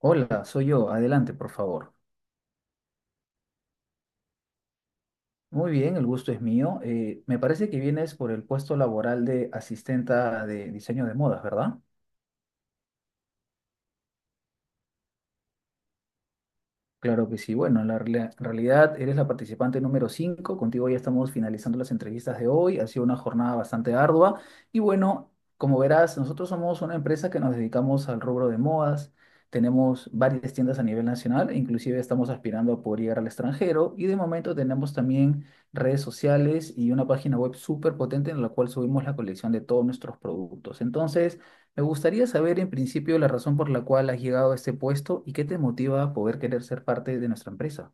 Hola, soy yo. Adelante, por favor. Muy bien, el gusto es mío. Me parece que vienes por el puesto laboral de asistenta de diseño de modas, ¿verdad? Claro que sí. Bueno, la realidad eres la participante número 5. Contigo ya estamos finalizando las entrevistas de hoy. Ha sido una jornada bastante ardua. Y bueno, como verás, nosotros somos una empresa que nos dedicamos al rubro de modas. Tenemos varias tiendas a nivel nacional, e inclusive estamos aspirando a poder llegar al extranjero. Y de momento tenemos también redes sociales y una página web súper potente en la cual subimos la colección de todos nuestros productos. Entonces, me gustaría saber en principio la razón por la cual has llegado a este puesto y qué te motiva a poder querer ser parte de nuestra empresa.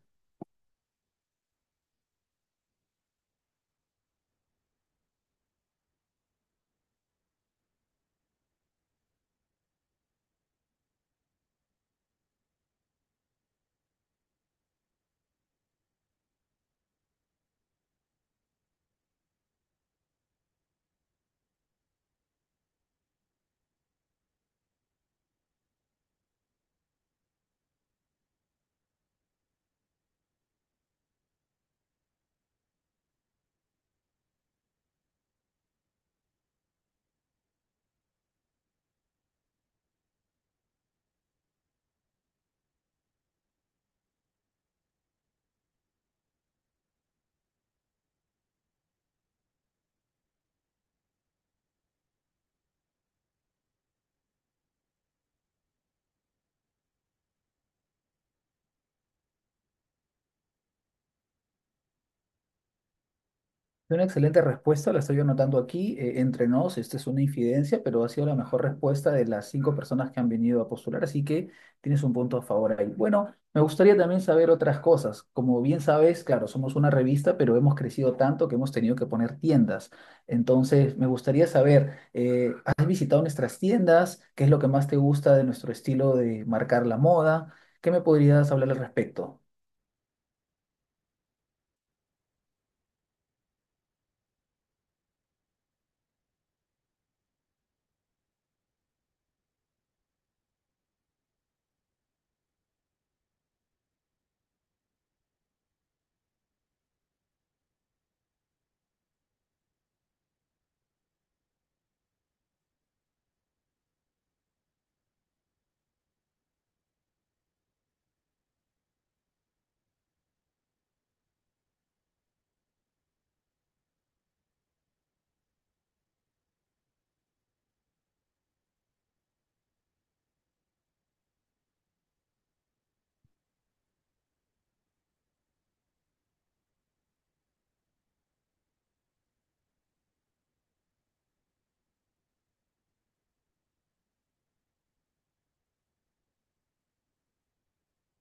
Es una excelente respuesta, la estoy anotando aquí. Entre nos, esta es una infidencia, pero ha sido la mejor respuesta de las cinco personas que han venido a postular, así que tienes un punto a favor ahí. Bueno, me gustaría también saber otras cosas. Como bien sabes, claro, somos una revista, pero hemos crecido tanto que hemos tenido que poner tiendas. Entonces, me gustaría saber, ¿has visitado nuestras tiendas? ¿Qué es lo que más te gusta de nuestro estilo de marcar la moda? ¿Qué me podrías hablar al respecto?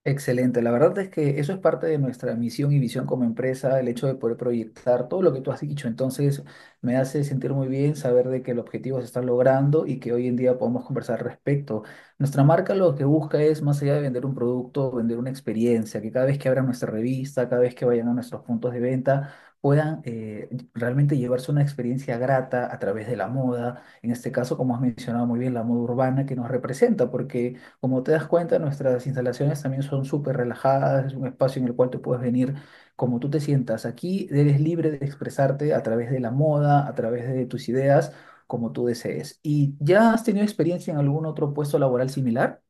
Excelente, la verdad es que eso es parte de nuestra misión y visión como empresa, el hecho de poder proyectar todo lo que tú has dicho. Entonces, me hace sentir muy bien saber de que el objetivo se está logrando y que hoy en día podemos conversar al respecto. Nuestra marca lo que busca es, más allá de vender un producto, vender una experiencia, que cada vez que abran nuestra revista, cada vez que vayan a nuestros puntos de venta, puedan realmente llevarse una experiencia grata a través de la moda, en este caso, como has mencionado muy bien, la moda urbana que nos representa, porque... Como te das cuenta, nuestras instalaciones también son súper relajadas, es un espacio en el cual tú puedes venir como tú te sientas. Aquí eres libre de expresarte a través de la moda, a través de tus ideas, como tú desees. ¿Y ya has tenido experiencia en algún otro puesto laboral similar?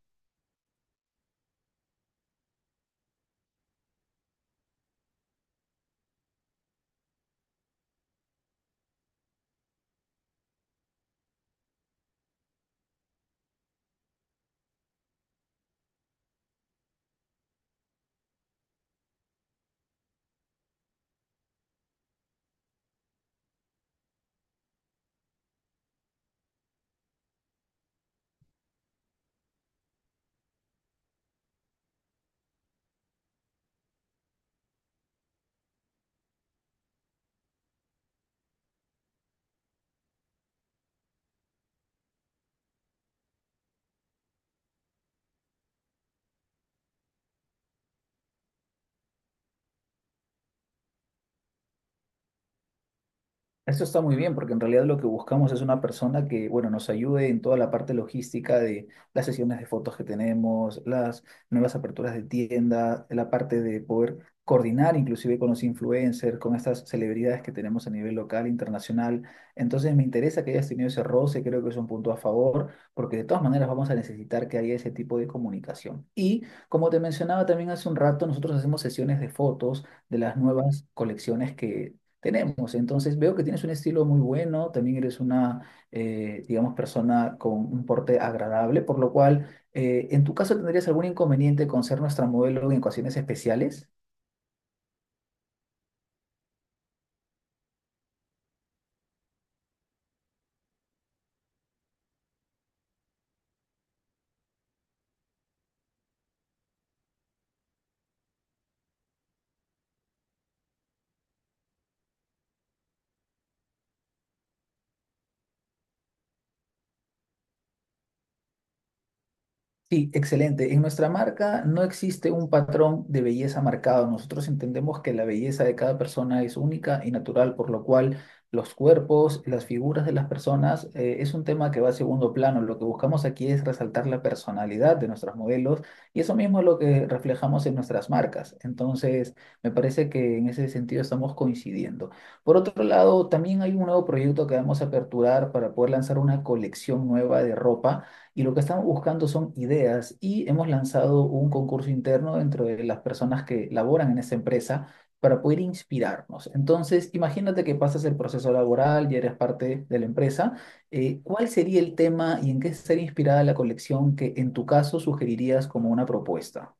Eso está muy bien, porque en realidad lo que buscamos es una persona que, bueno, nos ayude en toda la parte logística de las sesiones de fotos que tenemos, las nuevas aperturas de tienda, la parte de poder coordinar inclusive con los influencers, con estas celebridades que tenemos a nivel local, internacional. Entonces me interesa que hayas tenido ese roce, creo que es un punto a favor, porque de todas maneras vamos a necesitar que haya ese tipo de comunicación. Y como te mencionaba también hace un rato, nosotros hacemos sesiones de fotos de las nuevas colecciones que tenemos. Entonces veo que tienes un estilo muy bueno, también eres una, digamos, persona con un porte agradable, por lo cual, ¿en tu caso tendrías algún inconveniente con ser nuestra modelo en ocasiones especiales? Sí, excelente. En nuestra marca no existe un patrón de belleza marcado. Nosotros entendemos que la belleza de cada persona es única y natural, por lo cual los cuerpos, las figuras de las personas es un tema que va a segundo plano. Lo que buscamos aquí es resaltar la personalidad de nuestros modelos y eso mismo es lo que reflejamos en nuestras marcas. Entonces, me parece que en ese sentido estamos coincidiendo. Por otro lado, también hay un nuevo proyecto que vamos a aperturar para poder lanzar una colección nueva de ropa y lo que estamos buscando son ideas y hemos lanzado un concurso interno dentro de las personas que laboran en esta empresa para poder inspirarnos. Entonces, imagínate que pasas el proceso laboral y eres parte de la empresa. ¿Cuál sería el tema y en qué estaría inspirada la colección que en tu caso sugerirías como una propuesta?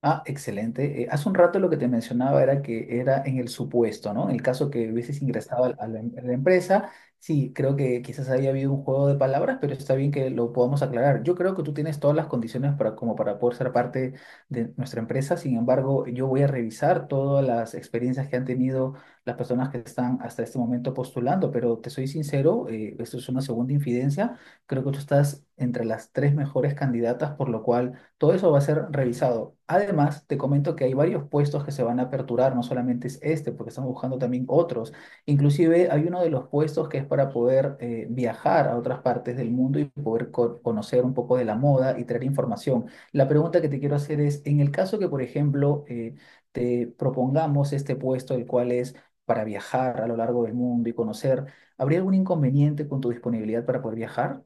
Ah, excelente. Hace un rato lo que te mencionaba era que era en el supuesto, ¿no? En el caso que hubieses ingresado a la, a la a la empresa, sí, creo que quizás haya habido un juego de palabras, pero está bien que lo podamos aclarar. Yo creo que tú tienes todas las condiciones para, como para poder ser parte de nuestra empresa. Sin embargo, yo voy a revisar todas las experiencias que han tenido las personas que están hasta este momento postulando, pero te soy sincero, esto es una segunda infidencia. Creo que tú estás entre las tres mejores candidatas, por lo cual... Todo eso va a ser revisado. Además, te comento que hay varios puestos que se van a aperturar, no solamente es este, porque estamos buscando también otros. Inclusive hay uno de los puestos que es para poder viajar a otras partes del mundo y poder conocer un poco de la moda y traer información. La pregunta que te quiero hacer es, en el caso que, por ejemplo, te propongamos este puesto, el cual es para viajar a lo largo del mundo y conocer, ¿habría algún inconveniente con tu disponibilidad para poder viajar?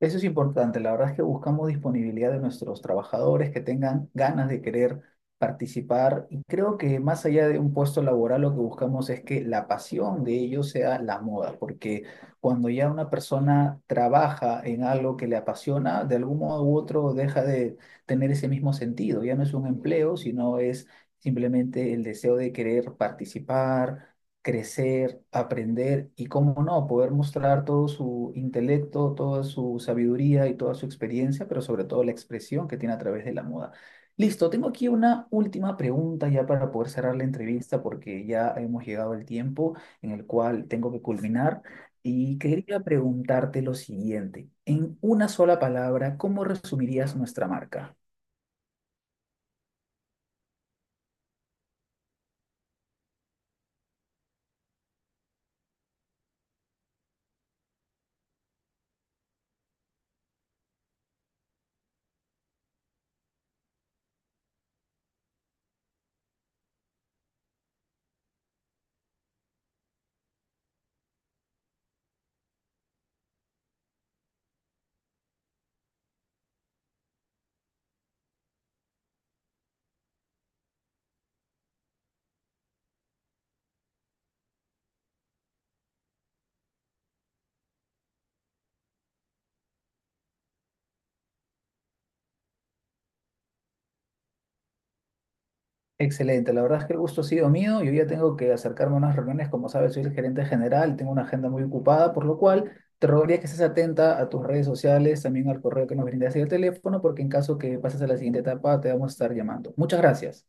Eso es importante. La verdad es que buscamos disponibilidad de nuestros trabajadores que tengan ganas de querer participar. Y creo que más allá de un puesto laboral, lo que buscamos es que la pasión de ellos sea la moda, porque cuando ya una persona trabaja en algo que le apasiona, de algún modo u otro deja de tener ese mismo sentido. Ya no es un empleo, sino es simplemente el deseo de querer participar, crecer, aprender y, cómo no, poder mostrar todo su intelecto, toda su sabiduría y toda su experiencia, pero sobre todo la expresión que tiene a través de la moda. Listo, tengo aquí una última pregunta ya para poder cerrar la entrevista porque ya hemos llegado al tiempo en el cual tengo que culminar y quería preguntarte lo siguiente. En una sola palabra, ¿cómo resumirías nuestra marca? Excelente, la verdad es que el gusto ha sido mío. Yo ya tengo que acercarme a unas reuniones, como sabes, soy el gerente general, tengo una agenda muy ocupada, por lo cual te rogaría que estés atenta a tus redes sociales, también al correo que nos brindas y el teléfono, porque en caso que pases a la siguiente etapa te vamos a estar llamando. Muchas gracias.